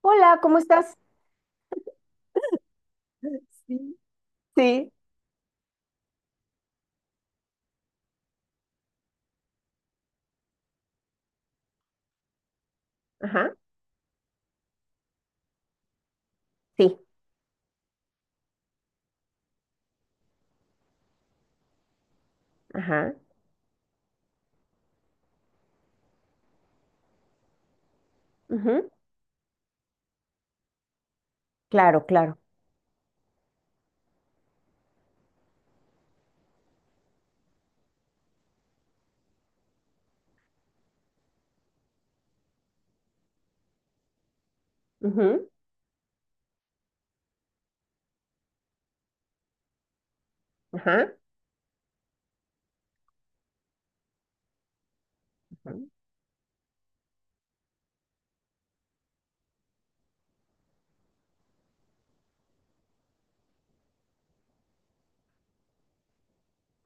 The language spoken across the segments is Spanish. Hola, ¿cómo estás? Sí. Sí. Ajá. Sí. Ajá. Ujú. Claro, claro. Ujú. Ajá. Ajá.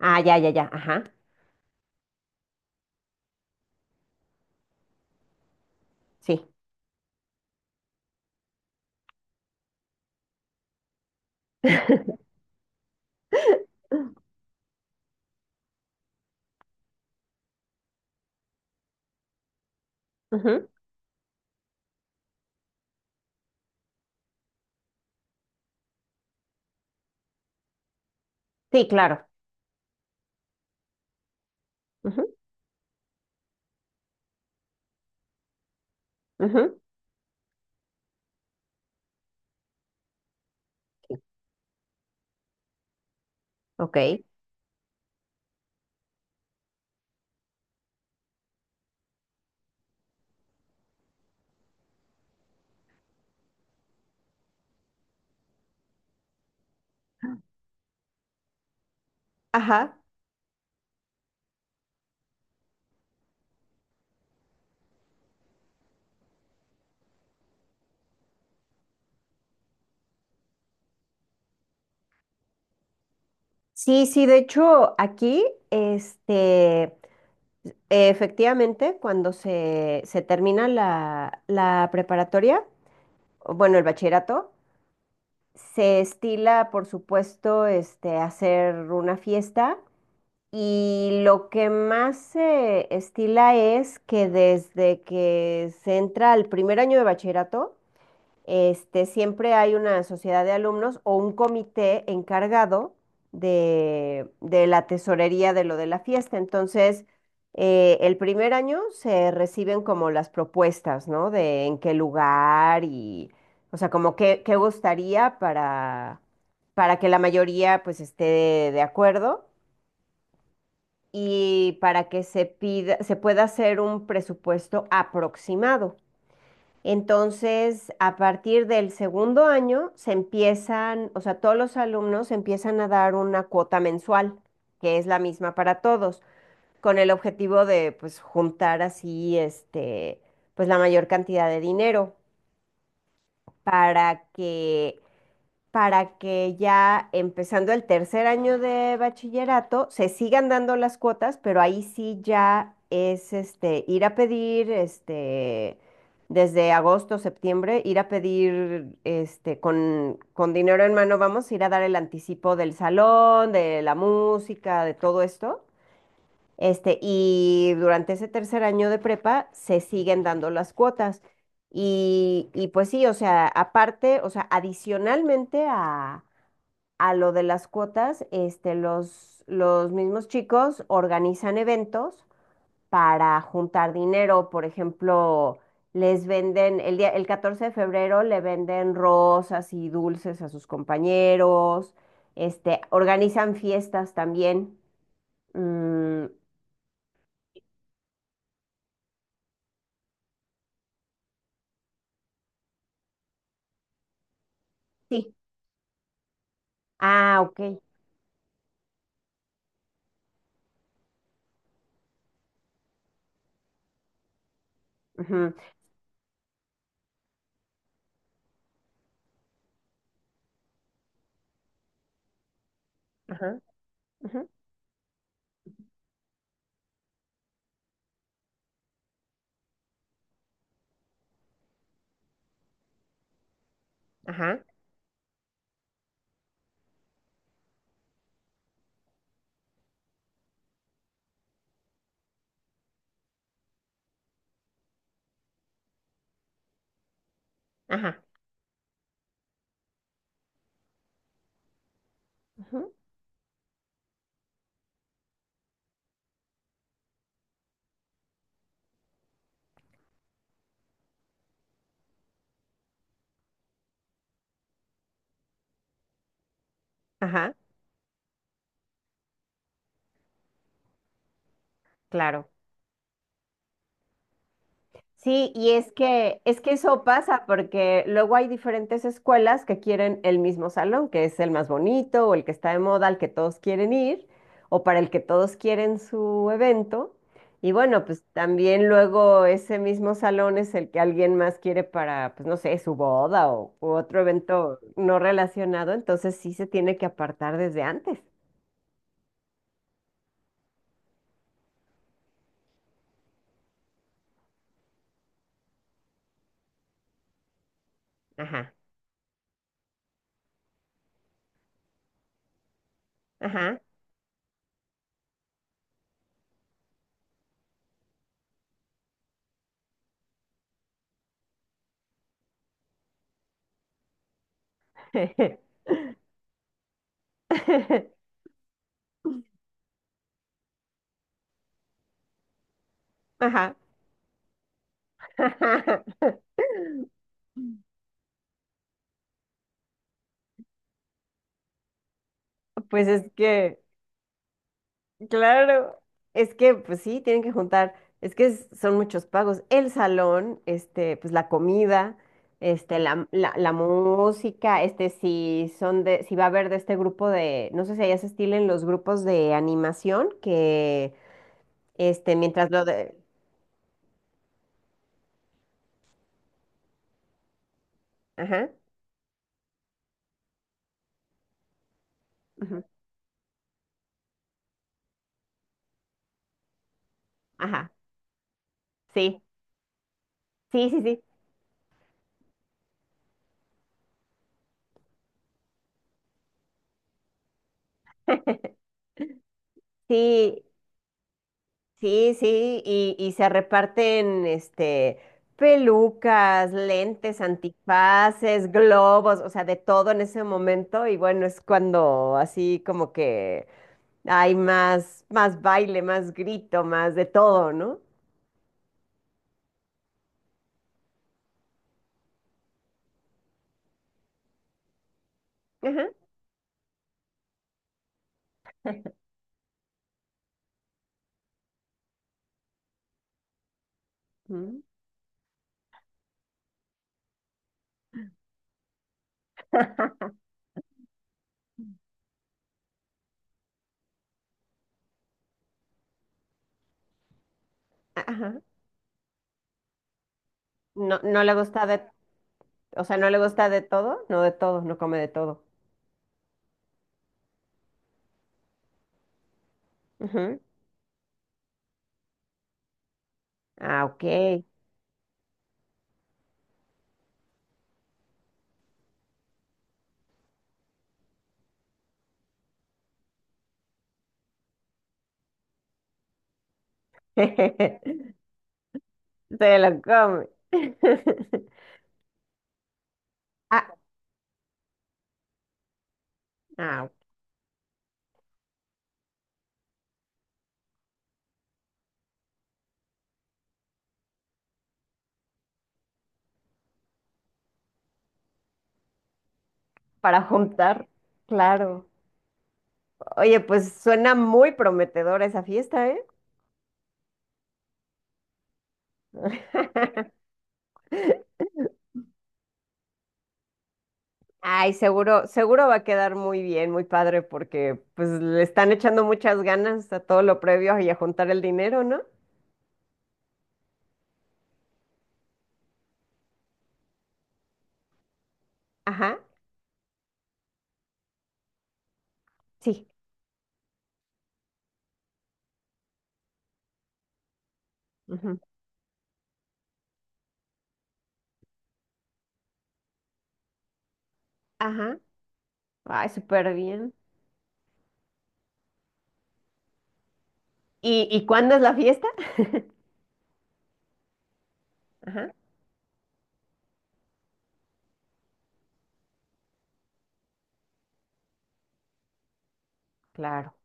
Ah, ya, ya, ya. Ajá. Sí. Ujú. Sí, claro. Ujú. Ujú. Ok. Ajá. Sí, sí, de hecho, aquí, efectivamente, cuando se termina la preparatoria, o bueno, el bachillerato, se estila, por supuesto, este, hacer una fiesta. Y lo que más se estila es que desde que se entra al primer año de bachillerato, este, siempre hay una sociedad de alumnos o un comité encargado de la tesorería de lo de la fiesta. Entonces, el primer año se reciben como las propuestas, ¿no? De en qué lugar y, o sea, qué gustaría para que la mayoría pues esté de acuerdo y para que se pida, se pueda hacer un presupuesto aproximado. Entonces, a partir del segundo año se empiezan, o sea, todos los alumnos empiezan a dar una cuota mensual, que es la misma para todos, con el objetivo de pues juntar así este pues la mayor cantidad de dinero para que para que ya empezando el tercer año de bachillerato se sigan dando las cuotas, pero ahí sí ya es este ir a pedir este desde agosto, septiembre, ir a pedir este con dinero en mano, vamos, ir a dar el anticipo del salón, de la música, de todo esto. Este, y durante ese tercer año de prepa se siguen dando las cuotas. Y pues sí, o sea, aparte, o sea, adicionalmente a lo de las cuotas, este, los mismos chicos organizan eventos para juntar dinero. Por ejemplo, les venden, el 14 de febrero le venden rosas y dulces a sus compañeros. Este, organizan fiestas también. Mm, sí. Ah, ok. Ujú. Ajá. Ujú. Ajá. Ajá. Ujú. Ajá, claro. Sí, y es que eso pasa porque luego hay diferentes escuelas que quieren el mismo salón, que es el más bonito o el que está de moda, al que todos quieren ir o para el que todos quieren su evento. Y bueno, pues también luego ese mismo salón es el que alguien más quiere para, pues no sé, su boda o u otro evento no relacionado, entonces sí se tiene que apartar desde antes. Ajá, ajá. Ajá. Pues es que claro, es que pues sí, tienen que juntar, es que son muchos pagos, el salón, este, pues la comida, este, la música, este, si son de, si va a haber de este grupo de, no sé si allá se estilen los grupos de animación que, este, mientras lo de, ajá, ujú, ajá, sí, sí, sí, sí, sí. Sí, sí, y se reparten este pelucas, lentes, antifaces, globos, o sea, de todo en ese momento. Y bueno, es cuando así como que hay más, más baile, más grito, más de todo, ¿no? Ajá. Mm. Ajá. No, no le gusta de, o sea, no le gusta de todo, no come de todo. Ujú. Ah, ok. Se lo come. Ah, ah. Para juntar, claro. Oye, pues suena muy prometedora esa fiesta, ¿eh? Ay, seguro, seguro va a quedar muy bien, muy padre, porque pues le están echando muchas ganas a todo lo previo y a juntar el dinero, ¿no? Ajá, sí. Ujú. Ajá. Ay, súper bien. Y cuándo es la fiesta? Ajá, claro.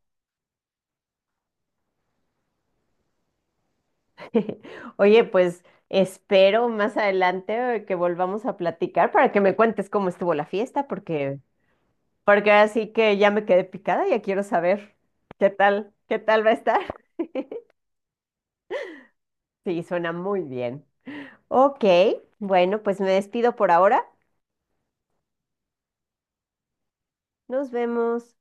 Oye, pues espero más adelante que volvamos a platicar para que me cuentes cómo estuvo la fiesta, porque porque así que ya me quedé picada, ya quiero saber qué tal va a estar. Sí, suena muy bien. Ok, bueno, pues me despido por ahora. Nos vemos.